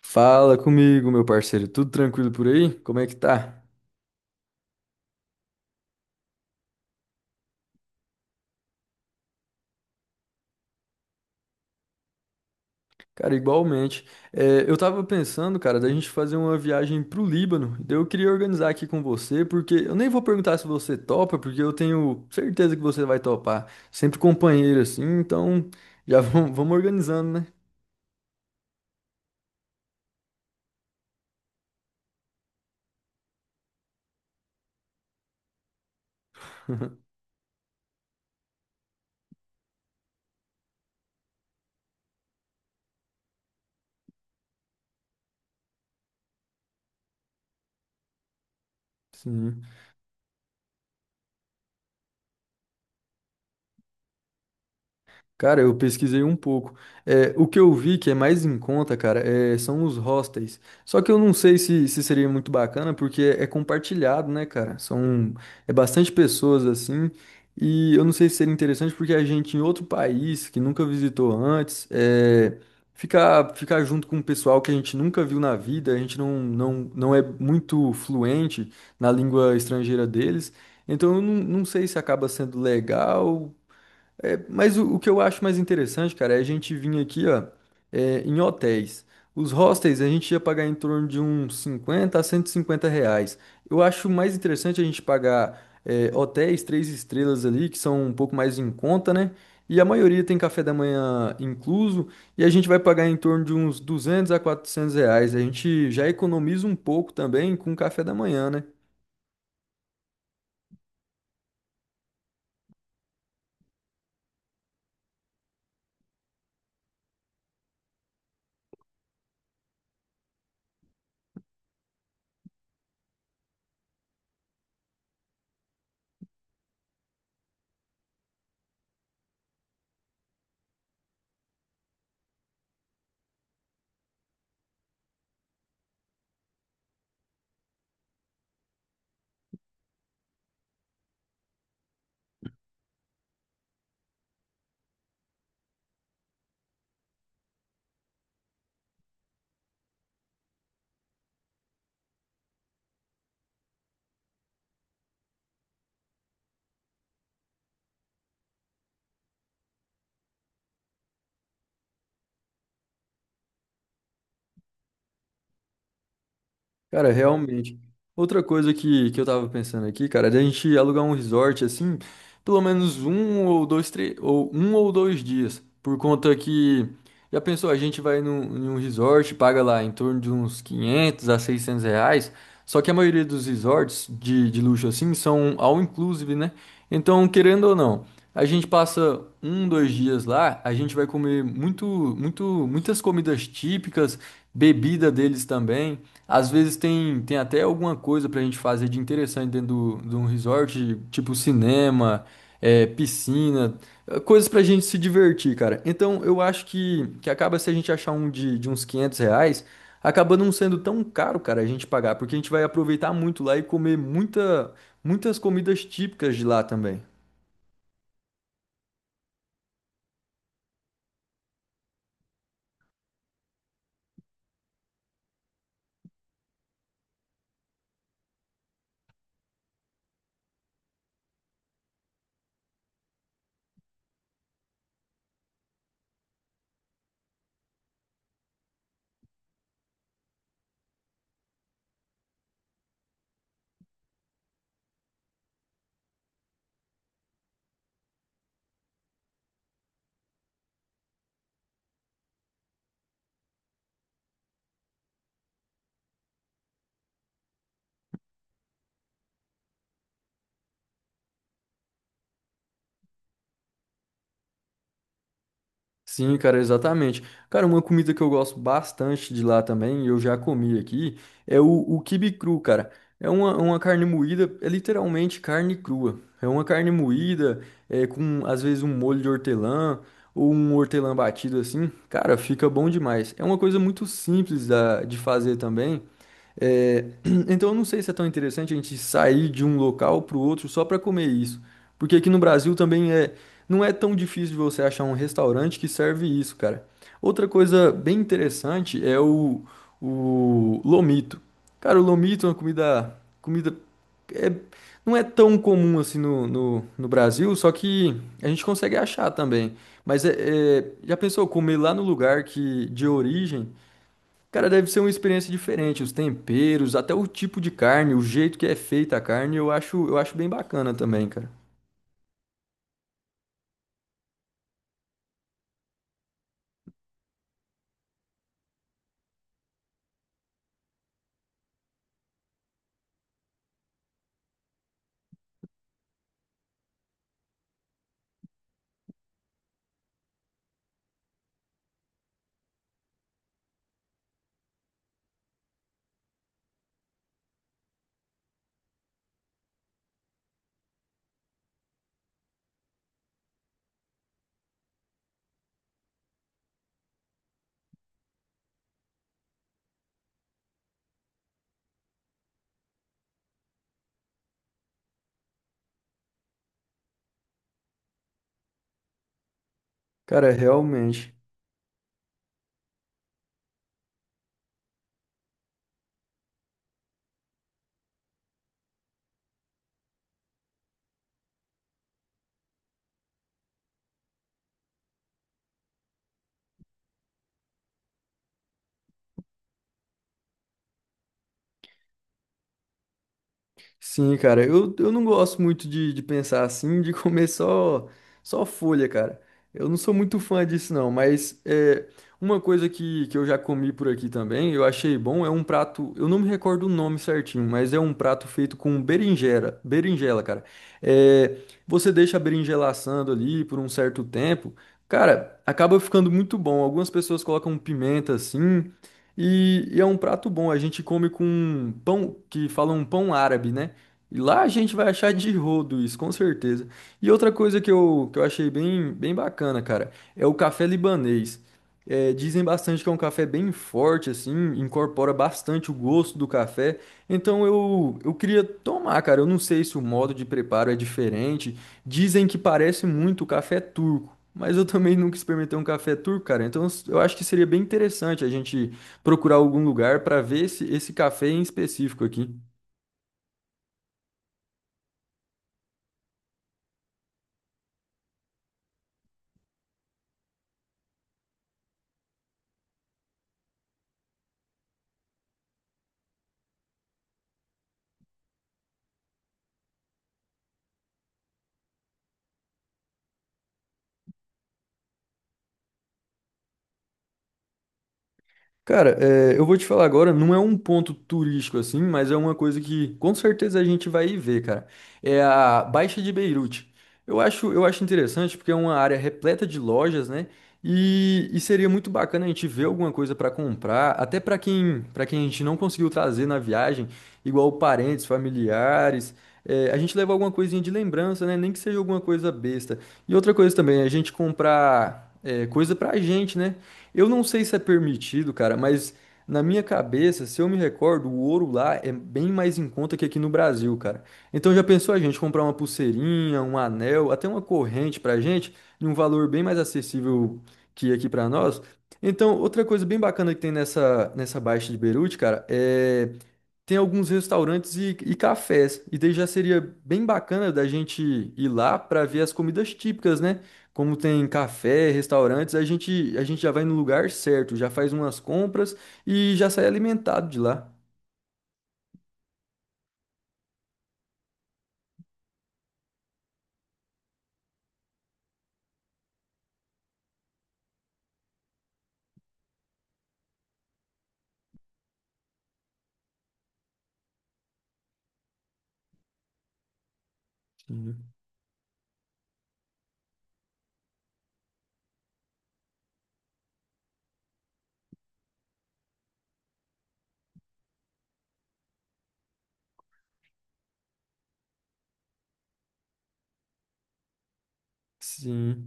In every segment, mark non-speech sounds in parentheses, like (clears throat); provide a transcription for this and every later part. Fala comigo, meu parceiro. Tudo tranquilo por aí? Como é que tá? Cara, igualmente. É, eu tava pensando, cara, da gente fazer uma viagem pro Líbano. Daí eu queria organizar aqui com você, porque eu nem vou perguntar se você topa, porque eu tenho certeza que você vai topar. Sempre companheiro assim, então já vamos, (laughs) vamos organizando, né? (laughs) Sim. Cara, eu pesquisei um pouco. É, o que eu vi que é mais em conta, cara, é, são os hostels. Só que eu não sei se seria muito bacana, porque é compartilhado, né, cara? São é bastante pessoas assim. E eu não sei se seria interessante porque a gente em outro país que nunca visitou antes, é, ficar junto com um pessoal que a gente nunca viu na vida, a gente não, não, não é muito fluente na língua estrangeira deles. Então eu não, não sei se acaba sendo legal é, mas o que eu acho mais interessante, cara, é a gente vir aqui, ó, é, em hotéis. Os hostels a gente ia pagar em torno de uns 50 a R$ 150. Eu acho mais interessante a gente pagar é, hotéis três estrelas ali, que são um pouco mais em conta, né? E a maioria tem café da manhã incluso, e a gente vai pagar em torno de uns 200 a R$ 400. A gente já economiza um pouco também com o café da manhã, né? Cara, realmente. Outra coisa que eu tava pensando aqui, cara, é da gente alugar um resort assim, pelo menos um ou dois, três, ou um ou dois dias. Por conta que, já pensou, a gente vai num, em um resort, paga lá em torno de uns 500 a R$ 600. Só que a maioria dos resorts de luxo assim são all inclusive, né? Então, querendo ou não, a gente passa um, dois dias lá, a gente vai comer muito, muito, muitas comidas típicas, bebida deles também. Às vezes tem até alguma coisa pra gente fazer de interessante dentro de um resort, tipo cinema, é, piscina, eh, coisas pra gente se divertir, cara. Então eu acho que acaba se a gente achar um de uns R$ 500, acaba não sendo tão caro, cara, a gente pagar, porque a gente vai aproveitar muito lá e comer muita, muitas comidas típicas de lá também. Sim, cara, exatamente. Cara, uma comida que eu gosto bastante de lá também, e eu já comi aqui, é o quibe cru, cara. É uma carne moída, é literalmente carne crua. É uma carne moída, é, com às vezes um molho de hortelã ou um hortelã batido assim. Cara, fica bom demais. É uma coisa muito simples da, de fazer também. É, (clears throat) então eu não sei se é tão interessante a gente sair de um local para o outro só para comer isso. Porque aqui no Brasil também é, não é tão difícil de você achar um restaurante que serve isso, cara. Outra coisa bem interessante é o lomito. Cara, o lomito é uma comida é, não é tão comum assim no Brasil, só que a gente consegue achar também. Mas é, já pensou comer lá no lugar que de origem? Cara, deve ser uma experiência diferente, os temperos, até o tipo de carne, o jeito que é feita a carne, eu acho bem bacana também, cara. Cara, realmente. Sim, cara, eu não gosto muito de pensar assim, de (laughs) comer só folha, cara. Eu não sou muito fã disso, não, mas é, uma coisa que eu já comi por aqui também, eu achei bom, é um prato, eu não me recordo o nome certinho, mas é um prato feito com berinjela, berinjela, cara. É, você deixa a berinjela assando ali por um certo tempo, cara, acaba ficando muito bom. Algumas pessoas colocam pimenta assim, e é um prato bom, a gente come com pão, que falam pão árabe, né? E lá a gente vai achar de rodo isso, com certeza. E outra coisa que eu achei bem, bem bacana, cara, é o café libanês. É, dizem bastante que é um café bem forte, assim, incorpora bastante o gosto do café. Então eu queria tomar, cara. Eu não sei se o modo de preparo é diferente. Dizem que parece muito o café turco. Mas eu também (laughs) nunca experimentei um café turco, cara. Então eu acho que seria bem interessante a gente procurar algum lugar para ver esse café em específico aqui. Cara, é, eu vou te falar agora, não é um ponto turístico assim, mas é uma coisa que com certeza a gente vai ir ver, cara. É a Baixa de Beirute. Eu acho interessante porque é uma área repleta de lojas, né? E seria muito bacana a gente ver alguma coisa para comprar, até para quem a gente não conseguiu trazer na viagem, igual parentes, familiares. É, a gente leva alguma coisinha de lembrança, né? Nem que seja alguma coisa besta. E outra coisa também, a gente comprar é, coisa pra gente, né? Eu não sei se é permitido, cara, mas na minha cabeça, se eu me recordo, o ouro lá é bem mais em conta que aqui no Brasil, cara. Então já pensou a gente comprar uma pulseirinha, um anel, até uma corrente pra gente, em um valor bem mais acessível que aqui pra nós? Então, outra coisa bem bacana que tem nessa Baixa de Beirute, cara, é tem alguns restaurantes e cafés. E daí já seria bem bacana da gente ir lá para ver as comidas típicas, né? Como tem café, restaurantes, a gente já vai no lugar certo, já faz umas compras e já sai alimentado de lá. Sim, sim,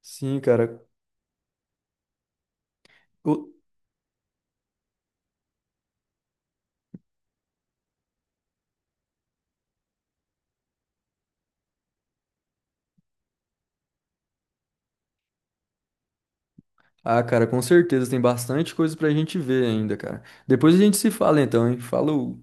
sim, cara. O- Ah, cara, com certeza tem bastante coisa pra gente ver ainda, cara. Depois a gente se fala então, hein? Falou.